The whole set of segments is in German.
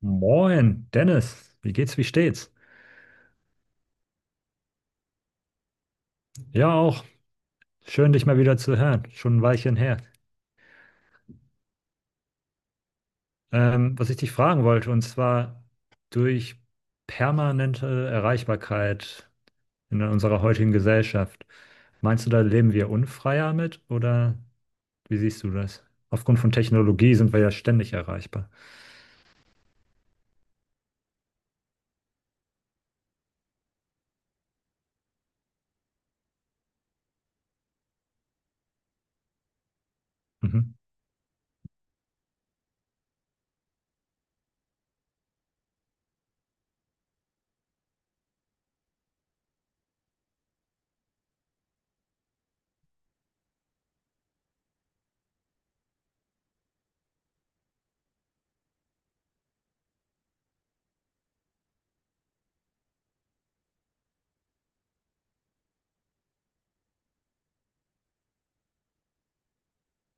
Moin, Dennis. Wie geht's, wie steht's? Ja, auch. Schön, dich mal wieder zu hören. Schon ein Weilchen her. Was ich dich fragen wollte, und zwar durch permanente Erreichbarkeit in unserer heutigen Gesellschaft. Meinst du, da leben wir unfreier mit oder wie siehst du das? Aufgrund von Technologie sind wir ja ständig erreichbar. Mhm.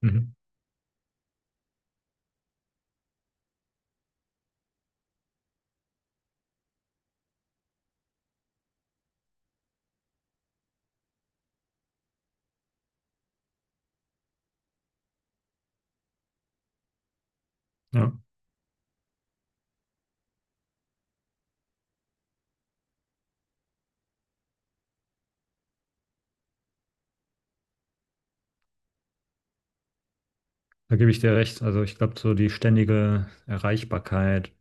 Mhm. Ja, da gebe ich dir recht. Also ich glaube, so die ständige Erreichbarkeit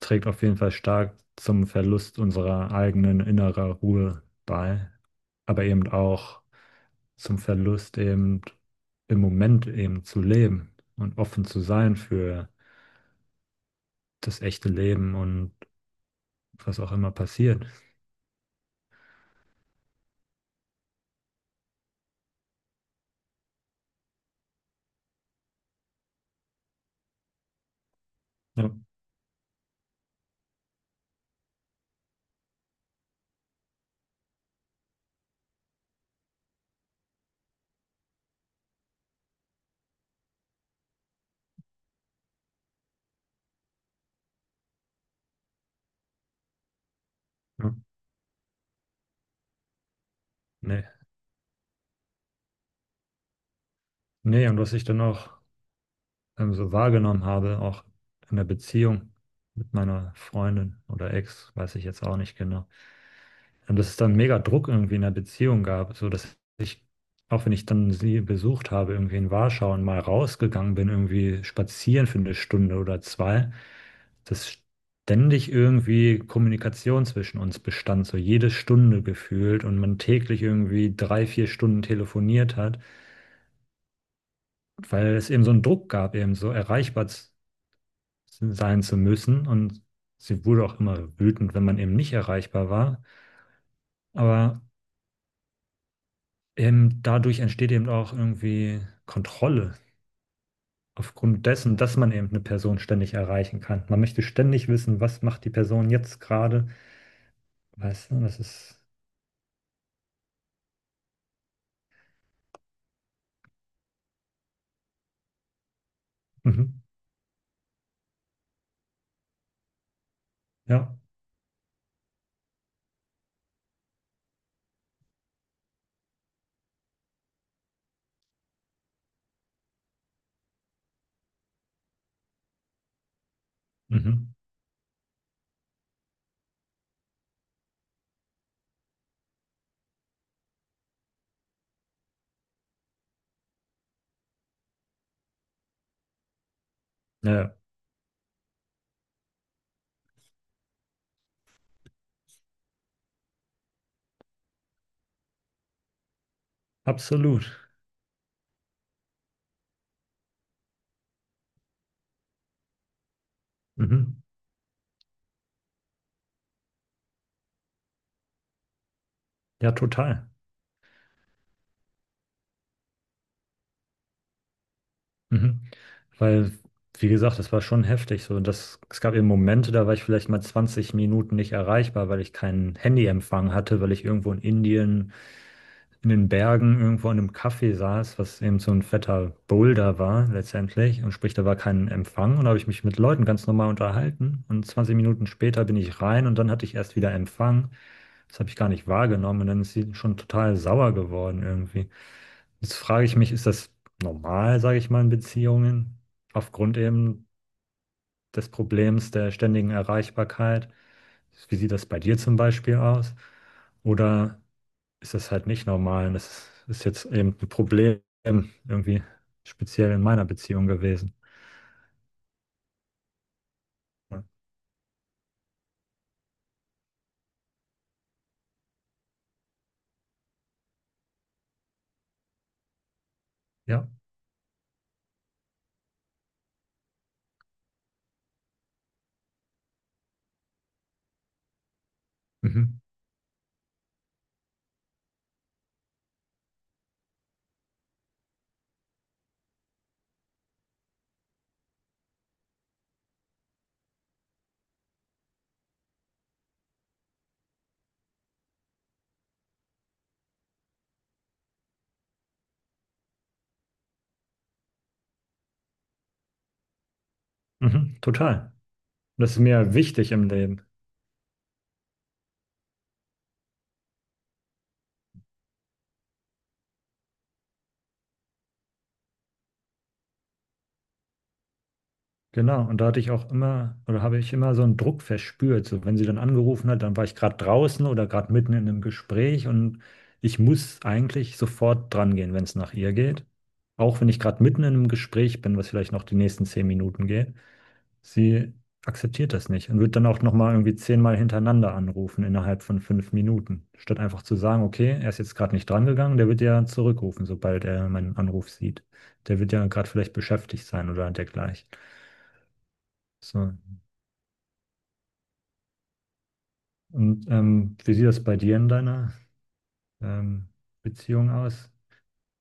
trägt auf jeden Fall stark zum Verlust unserer eigenen innerer Ruhe bei, aber eben auch zum Verlust eben im Moment eben zu leben und offen zu sein für das echte Leben und was auch immer passiert. Ja, ja. Nee. Nee, und was ich dann auch so wahrgenommen habe, auch in der Beziehung mit meiner Freundin oder Ex, weiß ich jetzt auch nicht genau. Und dass es dann mega Druck irgendwie in der Beziehung gab, so dass ich, auch wenn ich dann sie besucht habe, irgendwie in Warschau und mal rausgegangen bin, irgendwie spazieren für eine Stunde oder zwei, dass ständig irgendwie Kommunikation zwischen uns bestand, so jede Stunde gefühlt und man täglich irgendwie drei, vier Stunden telefoniert hat, weil es eben so einen Druck gab, eben so sein zu müssen, und sie wurde auch immer wütend, wenn man eben nicht erreichbar war. Aber dadurch entsteht eben auch irgendwie Kontrolle aufgrund dessen, dass man eben eine Person ständig erreichen kann. Man möchte ständig wissen, was macht die Person jetzt gerade. Weißt du, das ist. Mhm. Ja, mhm. Ja, ja. Absolut. Mhm. Ja, total. Mhm. Weil, wie gesagt, das war schon heftig. So, das, es gab eben Momente, da war ich vielleicht mal 20 Minuten nicht erreichbar, weil ich keinen Handyempfang hatte, weil ich irgendwo in Indien in den Bergen irgendwo in einem Café saß, was eben so ein fetter Boulder war letztendlich, und sprich, da war kein Empfang und da habe ich mich mit Leuten ganz normal unterhalten und 20 Minuten später bin ich rein und dann hatte ich erst wieder Empfang. Das habe ich gar nicht wahrgenommen und dann ist sie schon total sauer geworden irgendwie. Jetzt frage ich mich, ist das normal, sage ich mal, in Beziehungen aufgrund eben des Problems der ständigen Erreichbarkeit? Wie sieht das bei dir zum Beispiel aus? Oder ist das halt nicht normal. Und das ist jetzt eben ein Problem irgendwie speziell in meiner Beziehung gewesen. Ja, mhm. Mhm. Total. Das ist mir wichtig im Leben. Genau. Und da hatte ich auch immer, oder habe ich immer so einen Druck verspürt. So, wenn sie dann angerufen hat, dann war ich gerade draußen oder gerade mitten in einem Gespräch, und ich muss eigentlich sofort dran gehen, wenn es nach ihr geht. Auch wenn ich gerade mitten in einem Gespräch bin, was vielleicht noch die nächsten zehn Minuten geht. Sie akzeptiert das nicht und wird dann auch nochmal irgendwie zehnmal hintereinander anrufen innerhalb von fünf Minuten, statt einfach zu sagen, okay, er ist jetzt gerade nicht drangegangen, der wird ja zurückrufen, sobald er meinen Anruf sieht. Der wird ja gerade vielleicht beschäftigt sein oder dergleichen. So. Und wie sieht das bei dir in deiner ähm, Beziehung aus?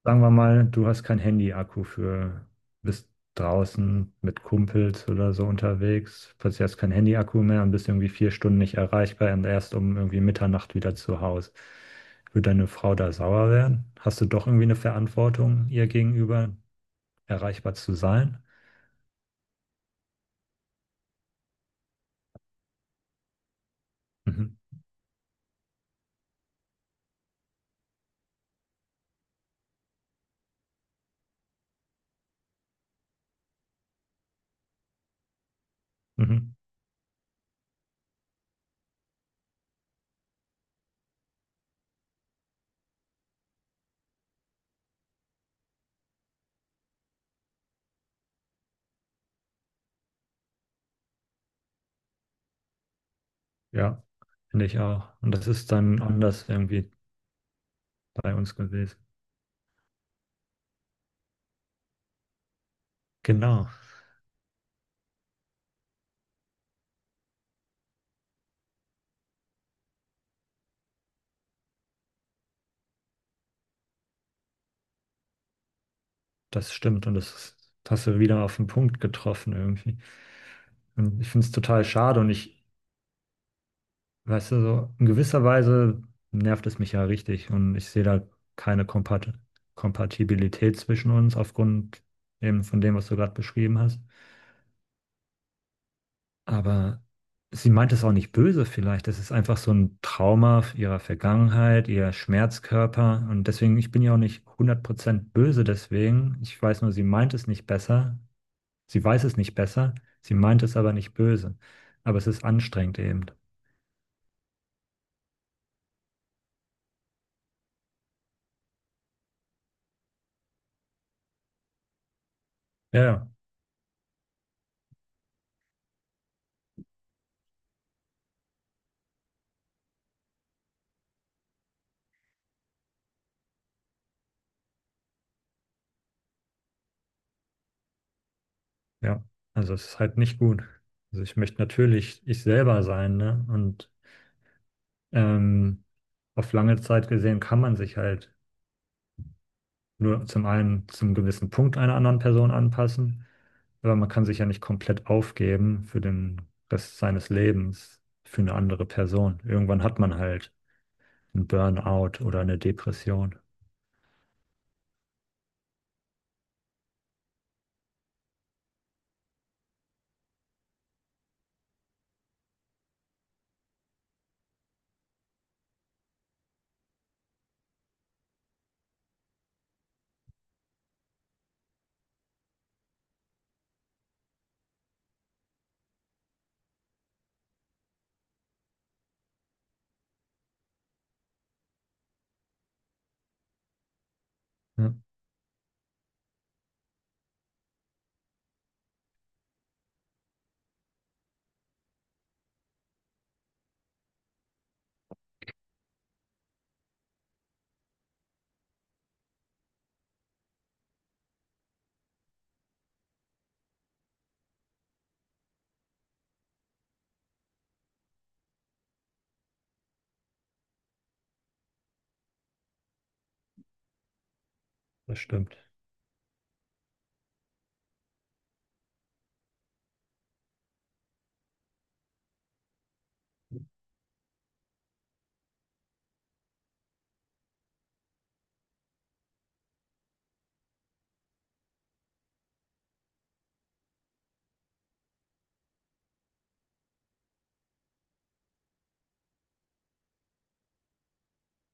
Sagen wir mal, du hast kein Handy-Akku für, bist draußen mit Kumpels oder so unterwegs, plötzlich hast kein Handy-Akku mehr und bist irgendwie vier Stunden nicht erreichbar und erst um irgendwie Mitternacht wieder zu Hause. Würde deine Frau da sauer werden? Hast du doch irgendwie eine Verantwortung, ihr gegenüber erreichbar zu sein? Mhm. Mhm. Ja, finde ich auch. Und das ist dann anders irgendwie bei uns gewesen. Genau. Das stimmt, und das ist- hast du wieder auf den Punkt getroffen irgendwie. Und ich finde es total schade und ich, weißt du, so in gewisser Weise nervt es mich ja richtig und ich sehe da keine Kompat Kompatibilität zwischen uns aufgrund eben von dem, was du gerade beschrieben hast. Aber sie meint es auch nicht böse vielleicht. Das ist einfach so ein Trauma ihrer Vergangenheit, ihr Schmerzkörper und deswegen, ich bin ja auch nicht 100% böse deswegen. Ich weiß nur, sie meint es nicht besser. Sie weiß es nicht besser, sie meint es aber nicht böse. Aber es ist anstrengend eben. Ja, ja, ja. Also es ist halt nicht gut. Also ich möchte natürlich ich selber sein, ne? Und ähm, auf lange Zeit gesehen kann man sich halt nur zum einen zum gewissen Punkt einer anderen Person anpassen, aber man kann sich ja nicht komplett aufgeben für den Rest seines Lebens für eine andere Person. Irgendwann hat man halt einen Burnout oder eine Depression. Ja, das stimmt.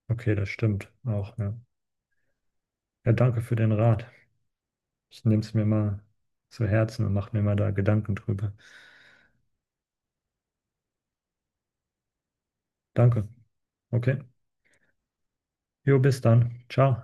Okay, das stimmt auch, ja. Ja, danke für den Rat. Ich nehme es mir mal zu Herzen und mache mir mal da Gedanken drüber. Danke. Okay. Jo, bis dann. Ciao.